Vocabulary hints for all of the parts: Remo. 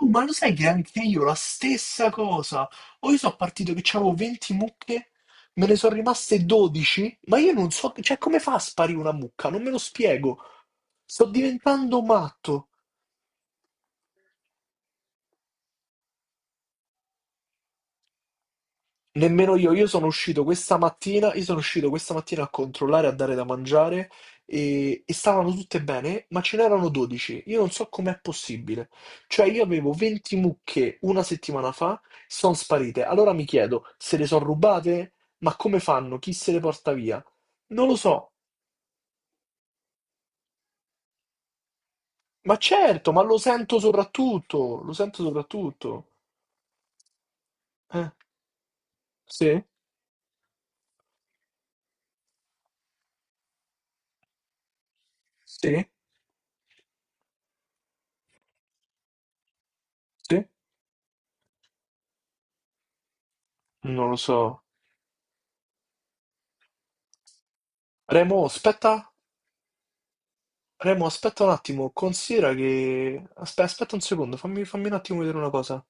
Oh, ma lo sai che anche io la stessa cosa? O io sono partito che c'avevo 20 mucche, me ne sono rimaste 12, ma io non so, cioè come fa a sparire una mucca? Non me lo spiego. Sto diventando matto. Nemmeno io sono uscito questa mattina, a controllare, a dare da mangiare e stavano tutte bene, ma ce n'erano 12. Io non so com'è possibile. Cioè io avevo 20 mucche una settimana fa, sono sparite. Allora mi chiedo, se le sono rubate? Ma come fanno? Chi se le porta via? Non lo so. Ma certo, ma lo sento soprattutto, lo sento soprattutto. Eh, sì, sì, sì, non lo so. Remo, aspetta. Remo, aspetta un attimo, considera che... Aspetta, aspetta un secondo, fammi un attimo vedere una cosa.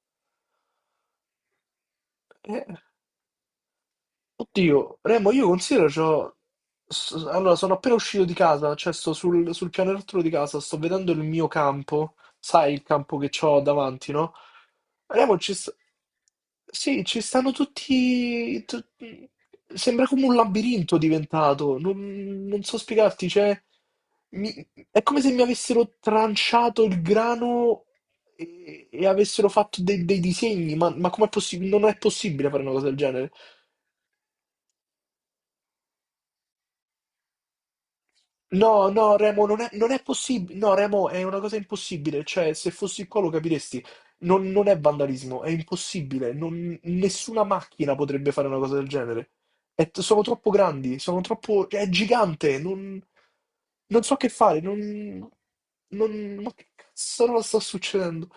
Eh, Oddio, Remo, io considero c'ho... Allora, sono appena uscito di casa, cioè sto sul, pianerottolo di casa, sto vedendo il mio campo, sai il campo che ho davanti, no? Remo, ci sta... Sì, ci stanno tutti... sembra come un labirinto diventato, non so spiegarti, cioè... È come se mi avessero tranciato il grano e avessero fatto dei, dei disegni, ma com'è possibile? Non è possibile fare una cosa del genere. No, no, Remo, non è possibile. No, Remo, è una cosa impossibile. Cioè, se fossi qua lo capiresti. Non, non è vandalismo, è impossibile. Nessuna macchina potrebbe fare una cosa del genere. Sono troppo grandi, è gigante, non, non so che fare. Non, non, ma che cazzo sta succedendo?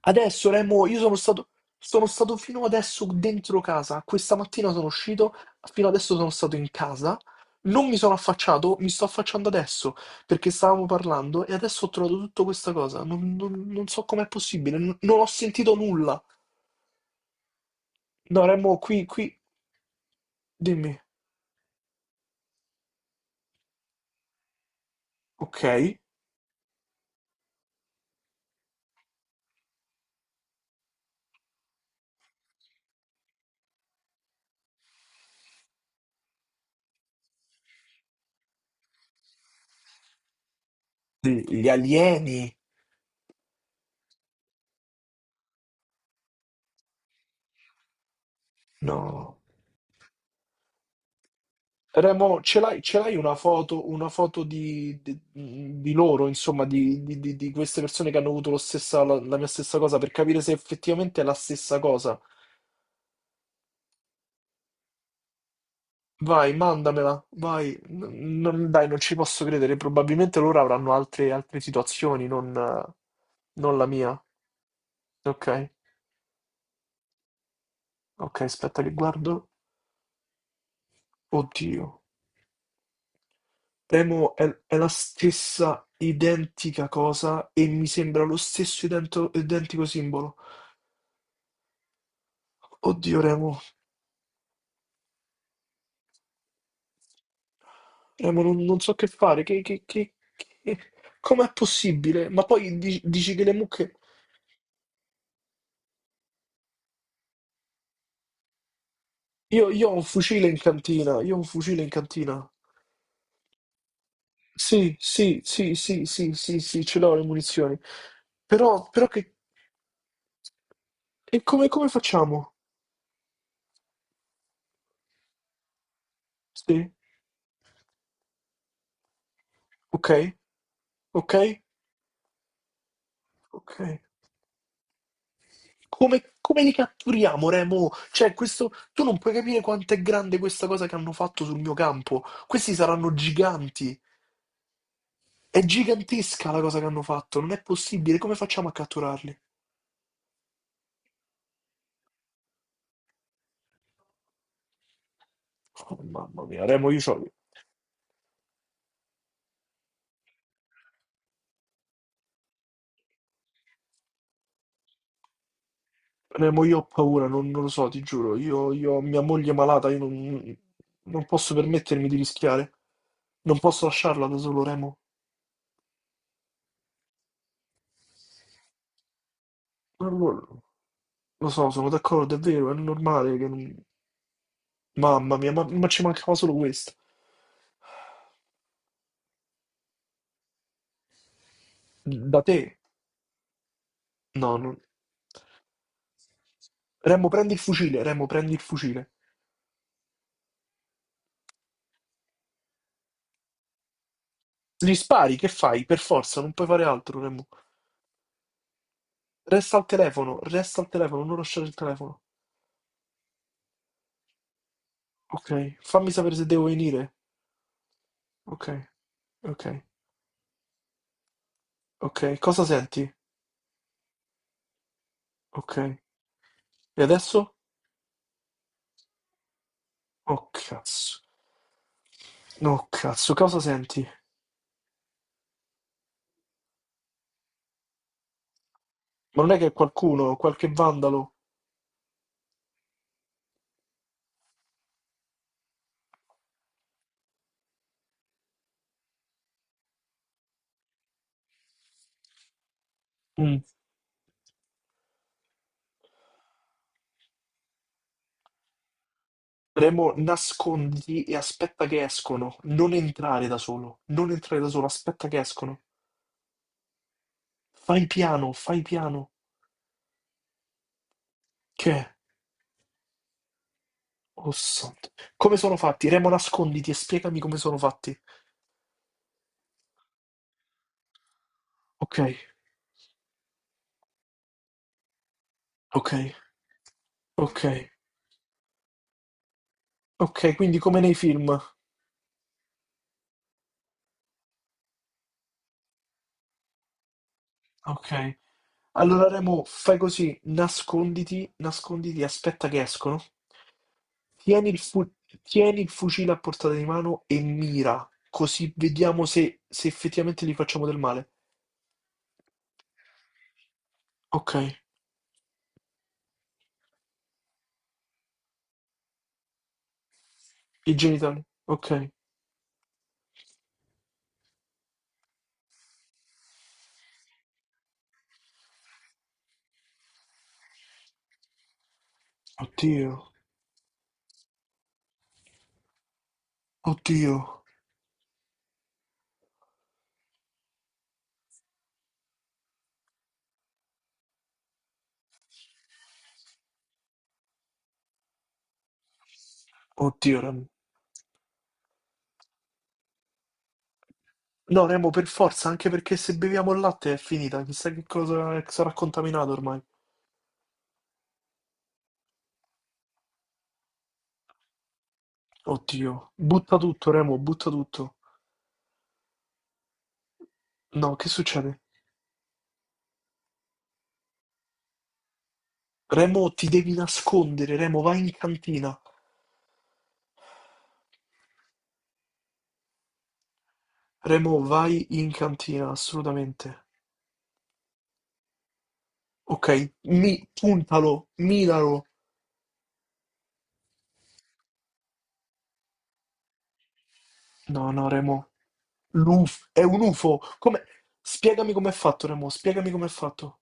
Adesso, Remo, sono stato fino adesso dentro casa. Questa mattina sono uscito, fino adesso sono stato in casa. Non mi sono affacciato, mi sto affacciando adesso perché stavamo parlando e adesso ho trovato tutta questa cosa. Non so com'è possibile, non ho sentito nulla. No, Remo, qui, qui, dimmi. Ok, gli alieni. No. Remo, ce l'hai una foto di loro, insomma, di queste persone che hanno avuto la mia stessa cosa per capire se effettivamente è la stessa cosa. Vai, mandamela, vai. N- non- dai, non ci posso credere. Probabilmente loro avranno altre situazioni, non la mia. Ok, ok, aspetta che guardo. Oddio. Remo è la stessa identica cosa e mi sembra lo stesso identico simbolo. Oddio, Remo. Ma non so che fare, che- com'è possibile? Ma poi dici che le mucche... Io ho un fucile in cantina. Sì, sì, sì, sì, sì, sì, sì, ce l'ho le munizioni. Però che... E come facciamo? Sì, ok, ok, ok. Come li catturiamo, Remo? Cioè, questo... Tu non puoi capire quanto è grande questa cosa che hanno fatto sul mio campo. Questi saranno giganti. È gigantesca la cosa che hanno fatto, non è possibile, come facciamo a catturarli? Oh, mamma mia, Remo, io. Remo, io ho paura, non, non, lo so, ti giuro, io ho mia moglie malata, io non posso permettermi di rischiare, non posso lasciarla da solo, Remo. Non lo so, sono d'accordo, è vero, è normale che non- Mamma mia, ma ci mancava solo questo. Da te? No, non... Remo, prendi il fucile, Remo, prendi il fucile. Gli spari, che fai? Per forza, non puoi fare altro, Remo. Resta al telefono, non lasciare il telefono. Ok, fammi sapere se devo venire. Ok, ok, ok. Cosa senti? Ok. E adesso? Oh cazzo. No, cazzo, cosa senti? Ma non è che è qualcuno, qualche vandalo? Mm. Remo, nasconditi e aspetta che escono. Non entrare da solo. Non entrare da solo, aspetta che escono. Fai piano, fai piano. Che? È? Oh santo. Come sono fatti? Remo, nasconditi e spiegami come sono fatti. Ok, ok. Okay, okay, quindi come nei film. Okay. Allora Remo, fai così, nasconditi, nasconditi, aspetta che escono. Tieni il fu- tieni il fucile a portata di mano e mira, così vediamo se, effettivamente gli facciamo del male. Ok, i genitali. Ok. Oddio, oddio, oddio Remo. No, Remo, per forza, anche perché se beviamo il latte è finita, chissà che cosa sarà contaminato ormai. Oddio, butta tutto, Remo, butta tutto. No, che succede? Remo, ti devi nascondere, Remo, vai in cantina. Remo, vai in cantina, assolutamente. Ok, puntalo, miralo. No, no, Remo. È un UFO. Come? Spiegami com'è fatto, Remo, spiegami com'è fatto.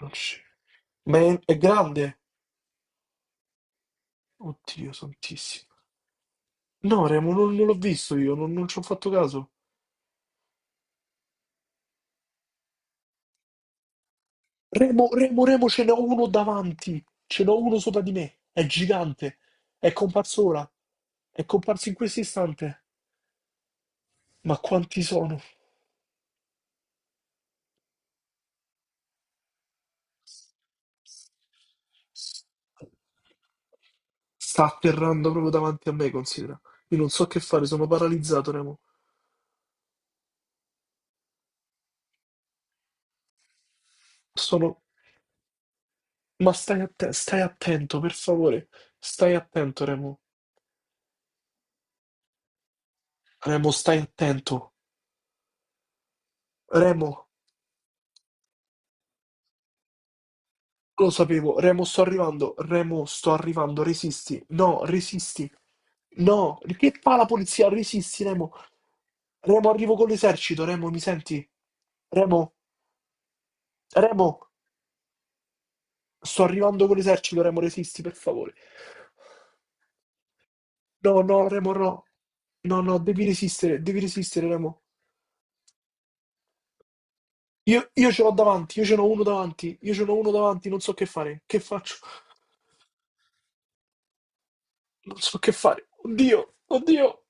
Non c'è. Ma è grande? Oddio, santissimo. No, Remo, non, non, l'ho visto io, non ci ho fatto caso. Remo, Remo, Remo, ce n'ho uno davanti. Ce n'ho uno sopra di me. È gigante. È comparso ora. È comparso in questo istante. Ma quanti sono? Sta atterrando proprio davanti a me, considera. Io non so che fare, sono paralizzato, Remo. Sono... Ma stai, stai attento, per favore. Stai attento, Remo. Remo, stai attento. Remo. Lo sapevo, Remo, sto arrivando, resisti, no, che fa la polizia? Resisti, Remo, Remo, arrivo con l'esercito, Remo, mi senti? Remo, Remo, sto arrivando con l'esercito, Remo, resisti, per favore. No, no, Remo, no, no, no, devi resistere, Remo. Io ce l'ho davanti, io ce n'ho uno davanti, non so che fare, che faccio, non so che fare, oddio, oddio.